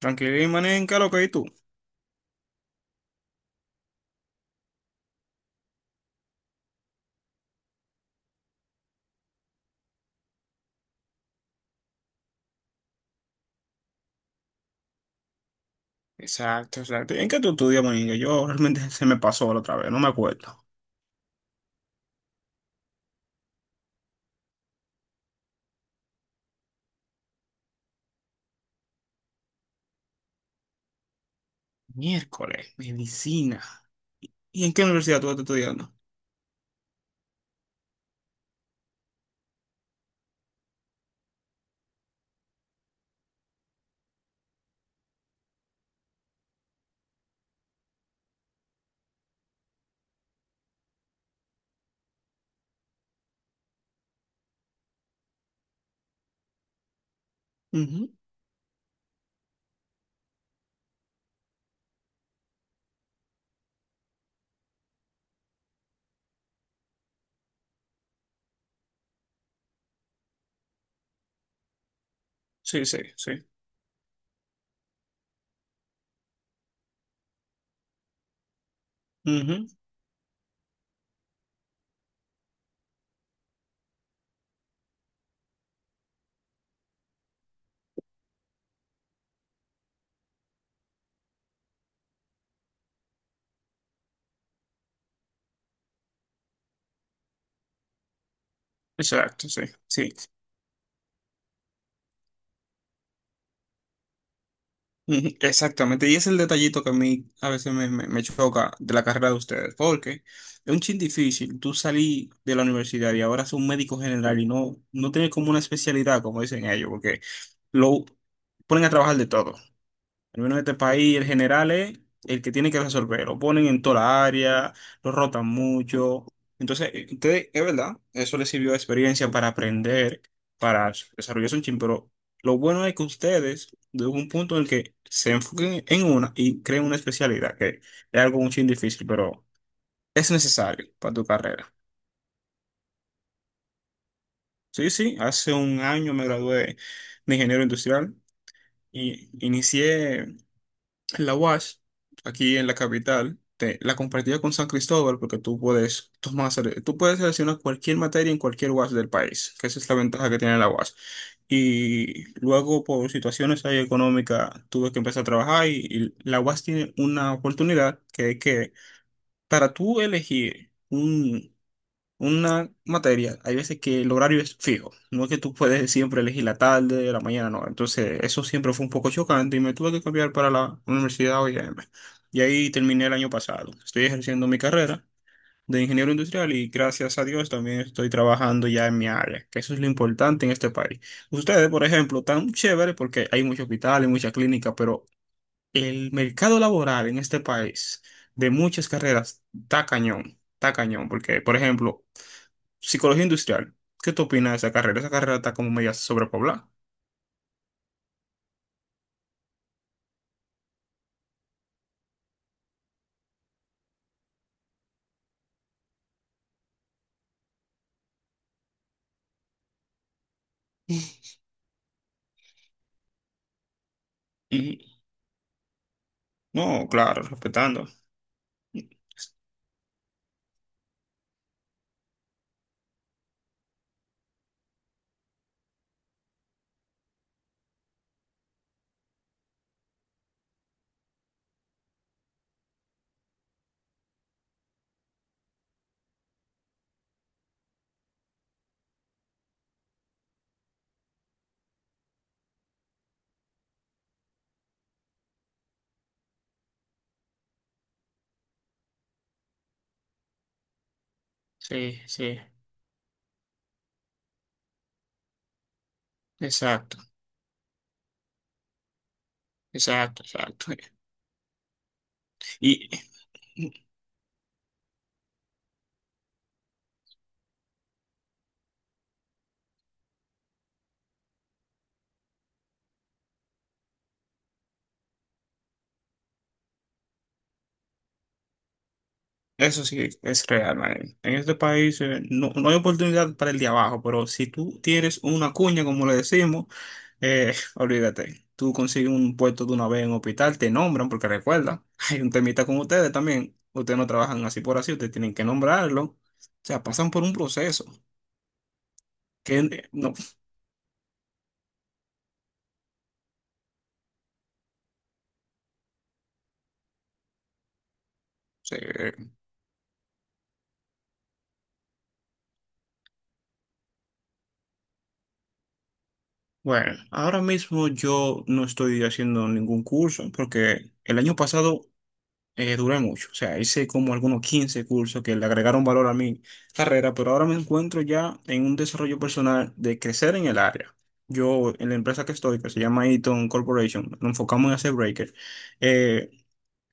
Tranquilidad y manica, lo que y tú. Exacto, exacto. ¿En qué tú estudias, manica? Yo realmente se me pasó la otra vez, no me acuerdo. Miércoles, medicina. ¿Y en qué universidad tú estás estudiando? Ujú. Sí, sí, sí. Ujú. Exacto, sí, sí. Ujú, exactamente. Y es el detallito que a mí a veces me choca de la carrera de ustedes, porque es un chin difícil. Tú salí de la universidad y ahora sos un médico general y no, no tienes como una especialidad, como dicen ellos, porque lo ponen a trabajar de todo. Al menos en este país, el general es el que tiene que resolver. Lo ponen en toda la área, lo rotan mucho. Entonces, ustedes, es verdad, eso les sirvió de experiencia para aprender, para desarrollarse un chin, pero lo bueno es que ustedes, de un punto en el que se enfoquen en una y creen una especialidad, que es algo un chin difícil, pero es necesario para tu carrera. Sí, sí, hace un año me gradué de ingeniero industrial y inicié. La UASH, aquí en la capital, la compartía con San Cristóbal porque tú puedes tomar, tú puedes seleccionar cualquier materia en cualquier UASH del país, que esa es la ventaja que tiene la UASH. Y luego, por situaciones ahí económicas, tuve que empezar a trabajar y la UASH tiene una oportunidad que es que para tú elegir un una materia, hay veces que el horario es fijo, no es que tú puedes siempre elegir la tarde, la mañana, no. Entonces, eso siempre fue un poco chocante y me tuve que cambiar para la Universidad OIM. Y ahí terminé el año pasado. Estoy ejerciendo mi carrera de ingeniero industrial y gracias a Dios también estoy trabajando ya en mi área, que eso es lo importante en este país. Ustedes, por ejemplo, tan chévere porque hay muchos hospitales, muchas clínicas, pero el mercado laboral en este país de muchas carreras está cañón, porque, por ejemplo, psicología industrial. ¿Qué tú opinas de esa carrera? Esa carrera está como media sobrepoblada. Y no, claro, respetando. Sí, sí, exacto, exacto, exacto. Y eso sí es real, man. En este país no, no hay oportunidad para el de abajo, pero si tú tienes una cuña, como le decimos, olvídate. Tú consigues un puesto de una vez en un hospital, te nombran, porque recuerda, hay un temita con ustedes también. Ustedes no trabajan así por así, ustedes tienen que nombrarlo. O sea, pasan por un proceso. Que no sé. Bueno, ahora mismo yo no estoy haciendo ningún curso porque el año pasado duré mucho. O sea, hice como algunos 15 cursos que le agregaron valor a mi carrera, pero ahora me encuentro ya en un desarrollo personal de crecer en el área. Yo, en la empresa que estoy, que se llama Eaton Corporation, nos enfocamos en hacer breakers. eh,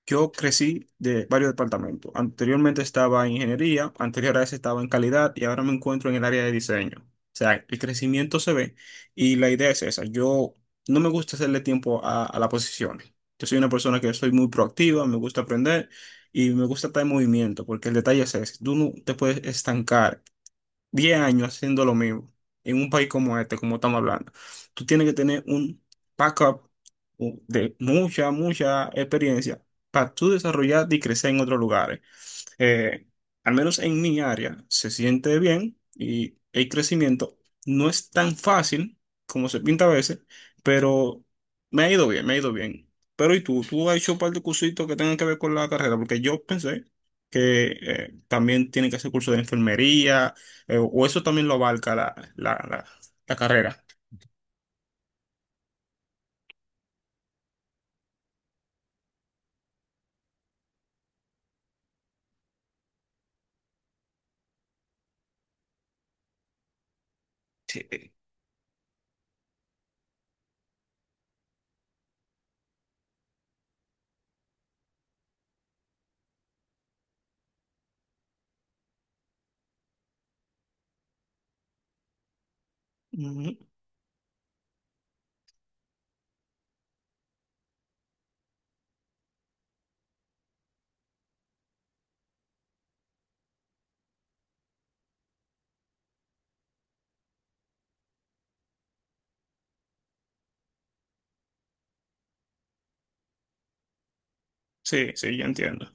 Yo crecí de varios departamentos. Anteriormente estaba en ingeniería, anterior a eso estaba en calidad y ahora me encuentro en el área de diseño. O sea, el crecimiento se ve y la idea es esa. Yo no me gusta hacerle tiempo a la posición. Yo soy una persona que soy muy proactiva, me gusta aprender y me gusta estar en movimiento porque el detalle es ese. Tú no te puedes estancar 10 años haciendo lo mismo en un país como este, como estamos hablando, tú tienes que tener un backup de mucha, mucha experiencia para tú desarrollarte y crecer en otros lugares eh, al menos en mi área, se siente bien y el crecimiento no es tan fácil como se pinta a veces, pero me ha ido bien, me ha ido bien. Pero ¿y tú? ¿Tú has hecho un par de cursitos que tengan que ver con la carrera? Porque yo pensé que también tienen que hacer curso de enfermería, o eso también lo abarca la carrera. Sí. Ujú. Sí, sí, ya entiendo.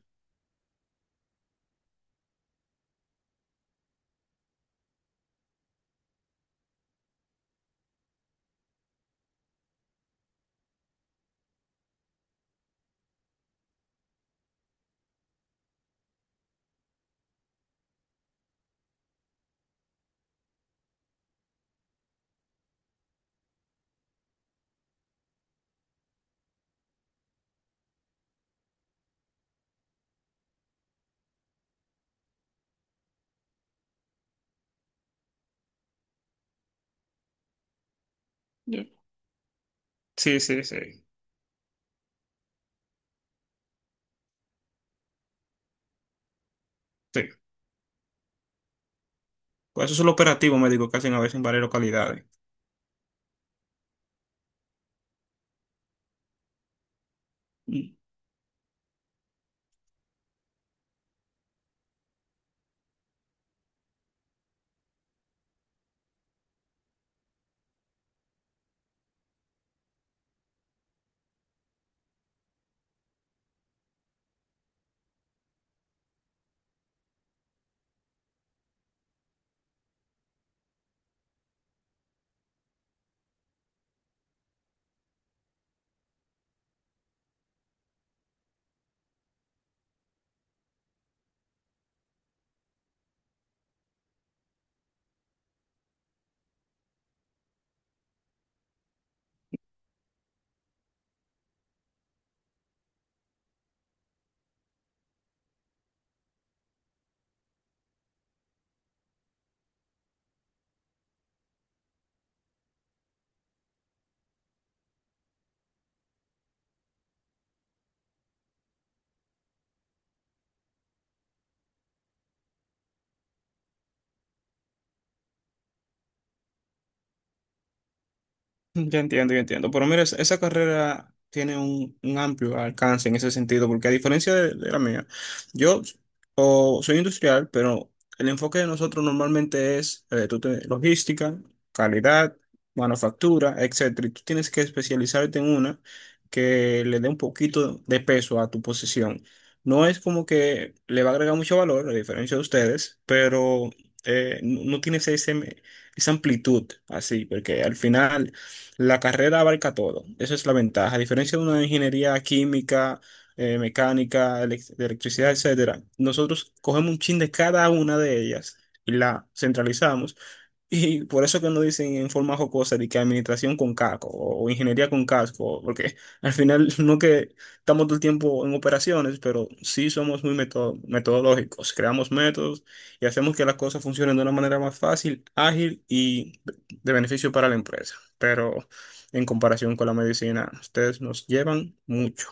Ya. Sí, sí, sí, sí. Pues eso es lo operativo médico que hacen a veces en varias localidades. Ya entiendo, ya entiendo. Pero mira, esa carrera tiene un amplio alcance en ese sentido, porque a diferencia de la mía, yo o soy industrial, pero el enfoque de nosotros normalmente es tú logística, calidad, manufactura, etcétera. Y tú tienes que especializarte en una que le dé un poquito de peso a tu posición. No es como que le va a agregar mucho valor, a diferencia de ustedes, pero no no tienes ese, esa amplitud así, porque al final la carrera abarca todo, esa es la ventaja. A diferencia de una ingeniería química, mecánica, de electricidad, etcétera, nosotros cogemos un chin de cada una de ellas y la centralizamos y por eso que no dicen en forma jocosa de que administración con casco o ingeniería con casco, porque al final no que estamos todo el tiempo en operaciones, pero sí somos muy metodológicos, creamos métodos y hacemos que las cosas funcionen de una manera más fácil, ágil y de beneficio para la empresa. Pero en comparación con la medicina, ustedes nos llevan mucho.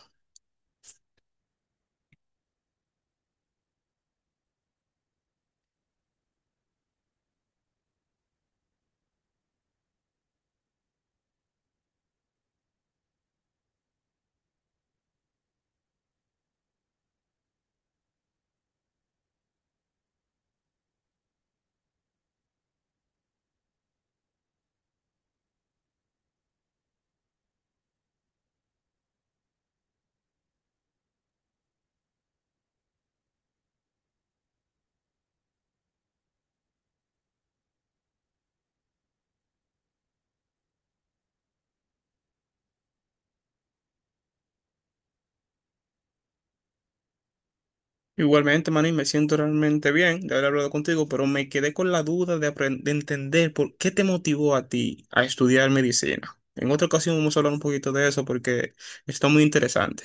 Igualmente, Manny, me siento realmente bien de haber hablado contigo, pero me quedé con la duda de entender por qué te motivó a ti a estudiar medicina. En otra ocasión vamos a hablar un poquito de eso porque está muy interesante.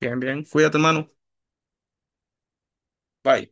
Bien, bien. Cuídate, hermano. Bye.